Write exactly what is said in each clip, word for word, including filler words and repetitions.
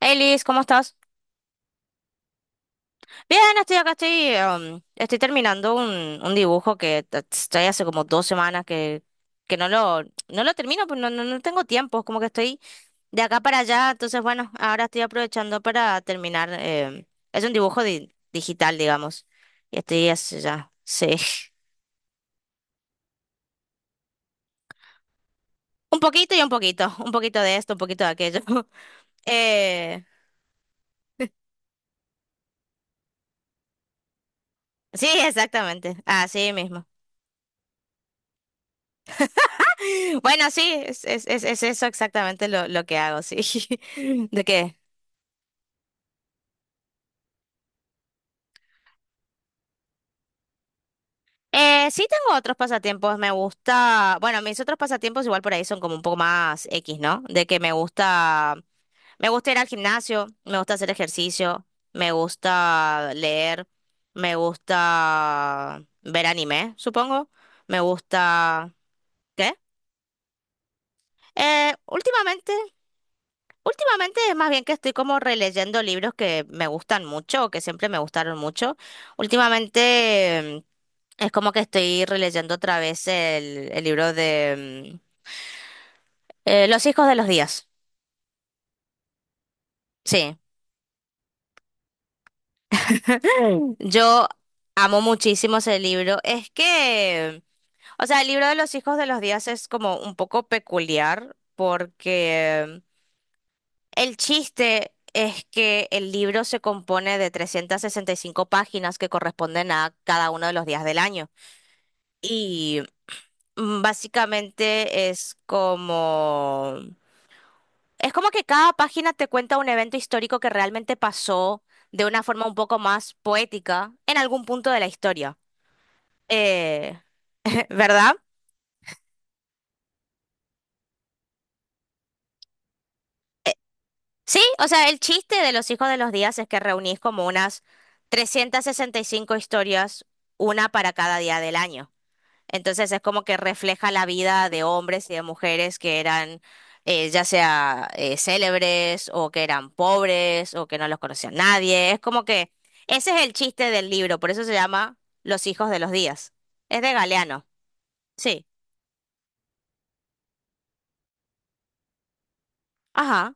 Hey Liz, ¿cómo estás? Bien, estoy acá, estoy, um, estoy terminando un, un dibujo que t- estoy hace como dos semanas que, que no lo, no lo termino, pues no, no, no tengo tiempo, es como que estoy de acá para allá, entonces bueno, ahora estoy aprovechando para terminar. Em, es un dibujo di- digital, digamos, y estoy hace ya, sí. Un poquito y un poquito, un poquito de esto, un poquito de aquello. Eh, sí, exactamente, así mismo. Bueno, sí, es, es, es, es eso exactamente lo, lo que hago, sí. ¿De qué? Eh, sí, tengo otros pasatiempos, me gusta, bueno, mis otros pasatiempos igual por ahí son como un poco más X, ¿no? De que me gusta, me gusta ir al gimnasio, me gusta hacer ejercicio, me gusta leer, me gusta ver anime, supongo, me gusta... ¿Qué? Eh, últimamente Últimamente es más bien que estoy como releyendo libros que me gustan mucho o que siempre me gustaron mucho. Últimamente, mm, es como que estoy releyendo otra vez el, el libro de mm, eh, Los hijos de los días. Sí, yo amo muchísimo ese libro. Es que, o sea, el libro de Los hijos de los días es como un poco peculiar porque mm, el chiste... Es que el libro se compone de trescientas sesenta y cinco páginas que corresponden a cada uno de los días del año. Y mm, básicamente es como, es como que cada página te cuenta un evento histórico que realmente pasó de una forma un poco más poética en algún punto de la historia. Eh, ¿Verdad? Sí, o sea, el chiste de los hijos de los días es que reunís como unas trescientas sesenta y cinco historias, una para cada día del año. Entonces es como que refleja la vida de hombres y de mujeres que eran, eh, ya sea, eh, célebres, o que eran pobres, o que no los conocía nadie. Es como que ese es el chiste del libro, por eso se llama Los hijos de los días. Es de Galeano. Sí. Ajá.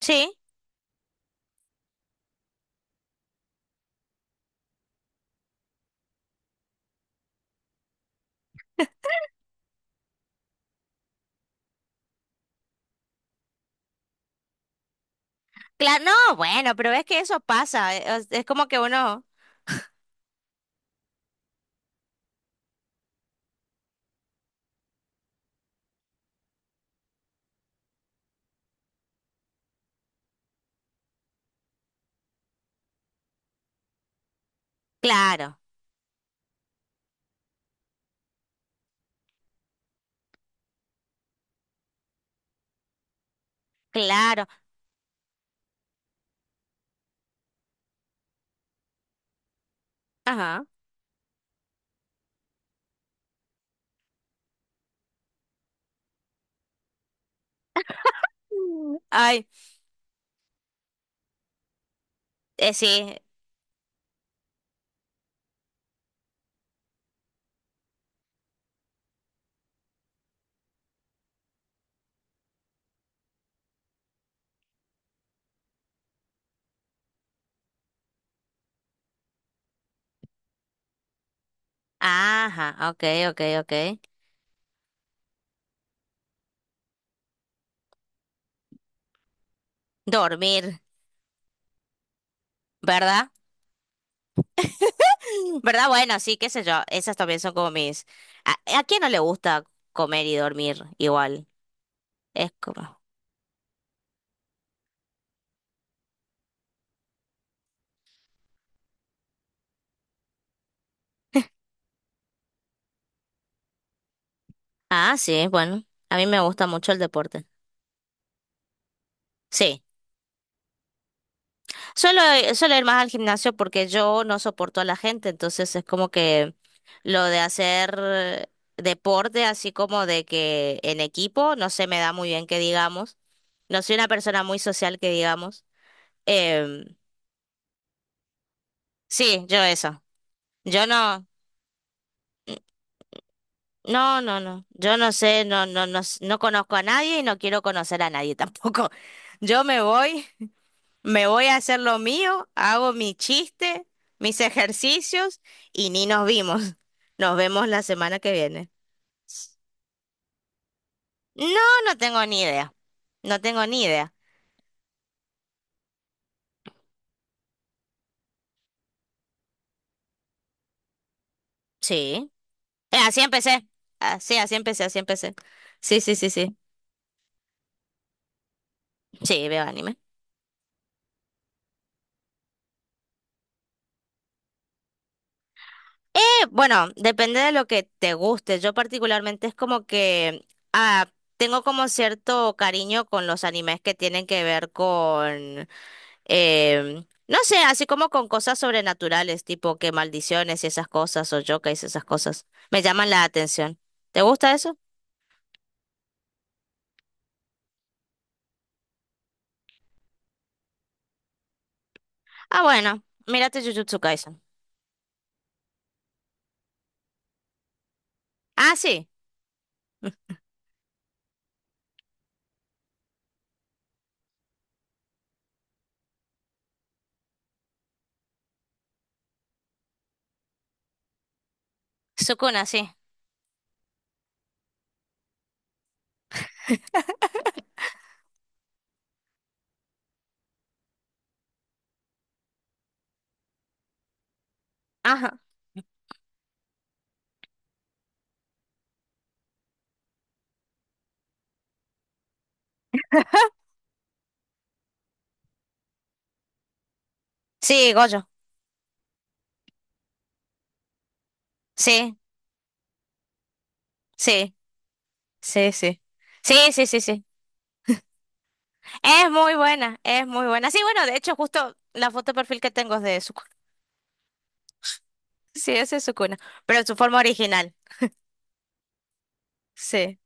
Sí. Claro. No, bueno, pero es que eso pasa. eh, Es, es como que uno, claro, claro. Ajá. Mm. Ay, eh, sí. Ajá, ok, ok, ok. Dormir, ¿verdad? ¿Verdad? Bueno, sí, qué sé yo. Esas también son como mis... ¿A, a quién no le gusta comer y dormir igual? Es como... Ah, sí, bueno. A mí me gusta mucho el deporte. Sí. Suelo, Suelo ir más al gimnasio porque yo no soporto a la gente, entonces es como que lo de hacer, eh, deporte, así como de que en equipo, no se me da muy bien que digamos. No soy una persona muy social que digamos. Em, sí, yo eso. Yo no. No, no, no. Yo no sé, no, no, no, s- no conozco a nadie y no quiero conocer a nadie tampoco. Yo me voy, me voy a hacer lo mío, hago mi chiste, mis ejercicios y ni nos vimos. Nos vemos la semana que viene. No, no tengo ni idea. No tengo ni idea. Sí. Eh, así empecé. Así, así empecé, así empecé. Sí, sí, sí, sí. Sí, veo anime. Bueno, depende de lo que te guste. Yo particularmente es como que, ah, tengo como cierto cariño con los animes que tienen que ver con, em, no sé, así como con cosas sobrenaturales, tipo que maldiciones y esas cosas, o yokais y esas cosas. Me llaman la atención. ¿Te gusta eso? Ah, bueno, mírate Jujutsu Kaisen. Ah, sí, Sukuna, sí. Ajá. Sí, Gojo. Sí, sí, sí, sí. Sí, sí, sí, sí. Es muy buena, es muy buena. Sí, bueno, de hecho, justo la foto de perfil que tengo es de su sí, esa es su cuna, pero en su forma original. Sí.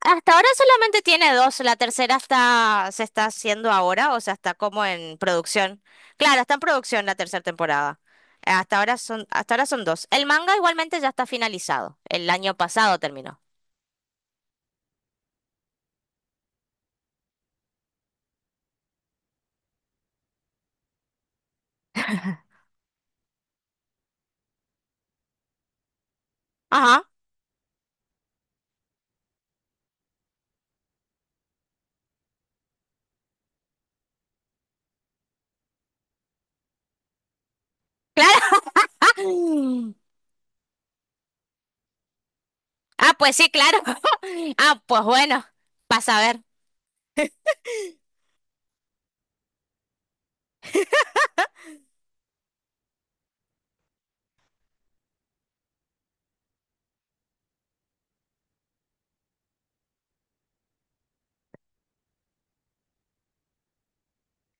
Hasta ahora solamente tiene dos, la tercera está, se está haciendo ahora, o sea, está como en producción. Claro, está en producción la tercera temporada. Eh, Hasta ahora son, hasta ahora son dos. El manga igualmente ya está finalizado. El año pasado terminó. Ajá, claro. Ah, pues sí, claro. Ah, pues bueno, pasa a ver.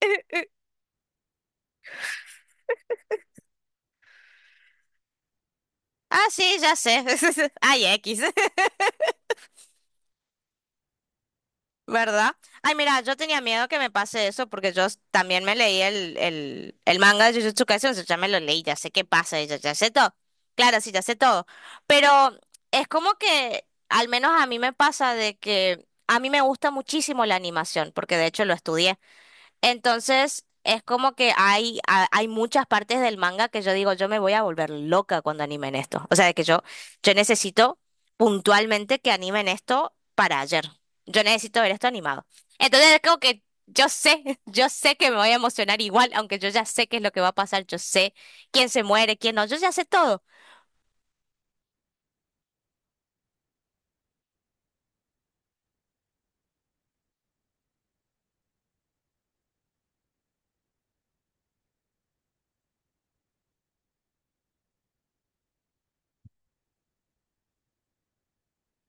Ah, sí, ya sé. Ay, X. ¿Verdad? Ay, mira, yo tenía miedo que me pase eso porque yo s- también me leí el, el, el manga de Jujutsu Kaisen, o sea, ya me lo leí, ya sé qué pasa, ya, ya sé todo. Claro, sí, ya sé todo. Pero es como que, al menos a mí me pasa de que a mí me gusta muchísimo la animación, porque de hecho lo estudié. Entonces, es como que hay, ha- hay muchas partes del manga que yo digo, yo me voy a volver loca cuando animen esto. O sea, de que yo, yo necesito puntualmente que animen esto para ayer. Yo necesito ver esto animado. Entonces, es como que yo sé, yo sé que me voy a emocionar igual, aunque yo ya sé qué es lo que va a pasar, yo sé quién se muere, quién no, yo ya sé todo.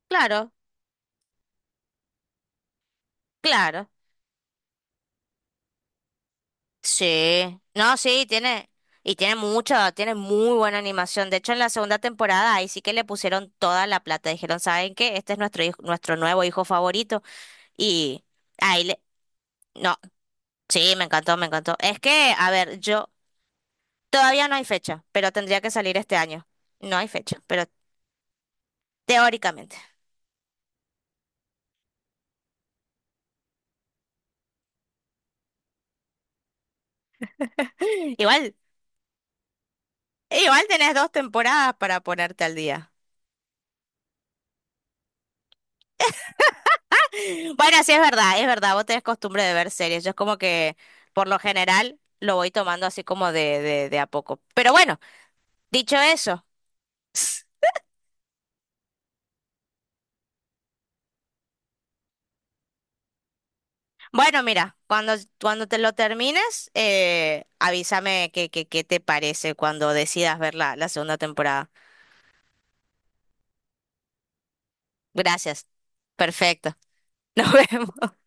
Claro, claro. Sí, no, sí, tiene, y tiene mucha, tiene muy buena animación. De hecho, en la segunda temporada ahí sí que le pusieron toda la plata. Dijeron, ¿saben qué? Este es nuestro hijo, nuestro nuevo hijo favorito. Y ahí le, no, sí, me encantó, me encantó. Es que, a ver, yo, todavía no hay fecha, pero tendría que salir este año. No hay fecha, pero teóricamente. Igual, Igual tenés dos temporadas para ponerte al día. Bueno, sí, es verdad, es verdad, vos tenés costumbre de ver series. Yo es como que, por lo general, lo voy tomando así como de, de, de a poco. Pero bueno, dicho eso, bueno, mira, cuando, cuando te lo termines, eh, avísame qué qué, qué te parece cuando decidas ver la, la segunda temporada. Gracias. Perfecto. Nos vemos.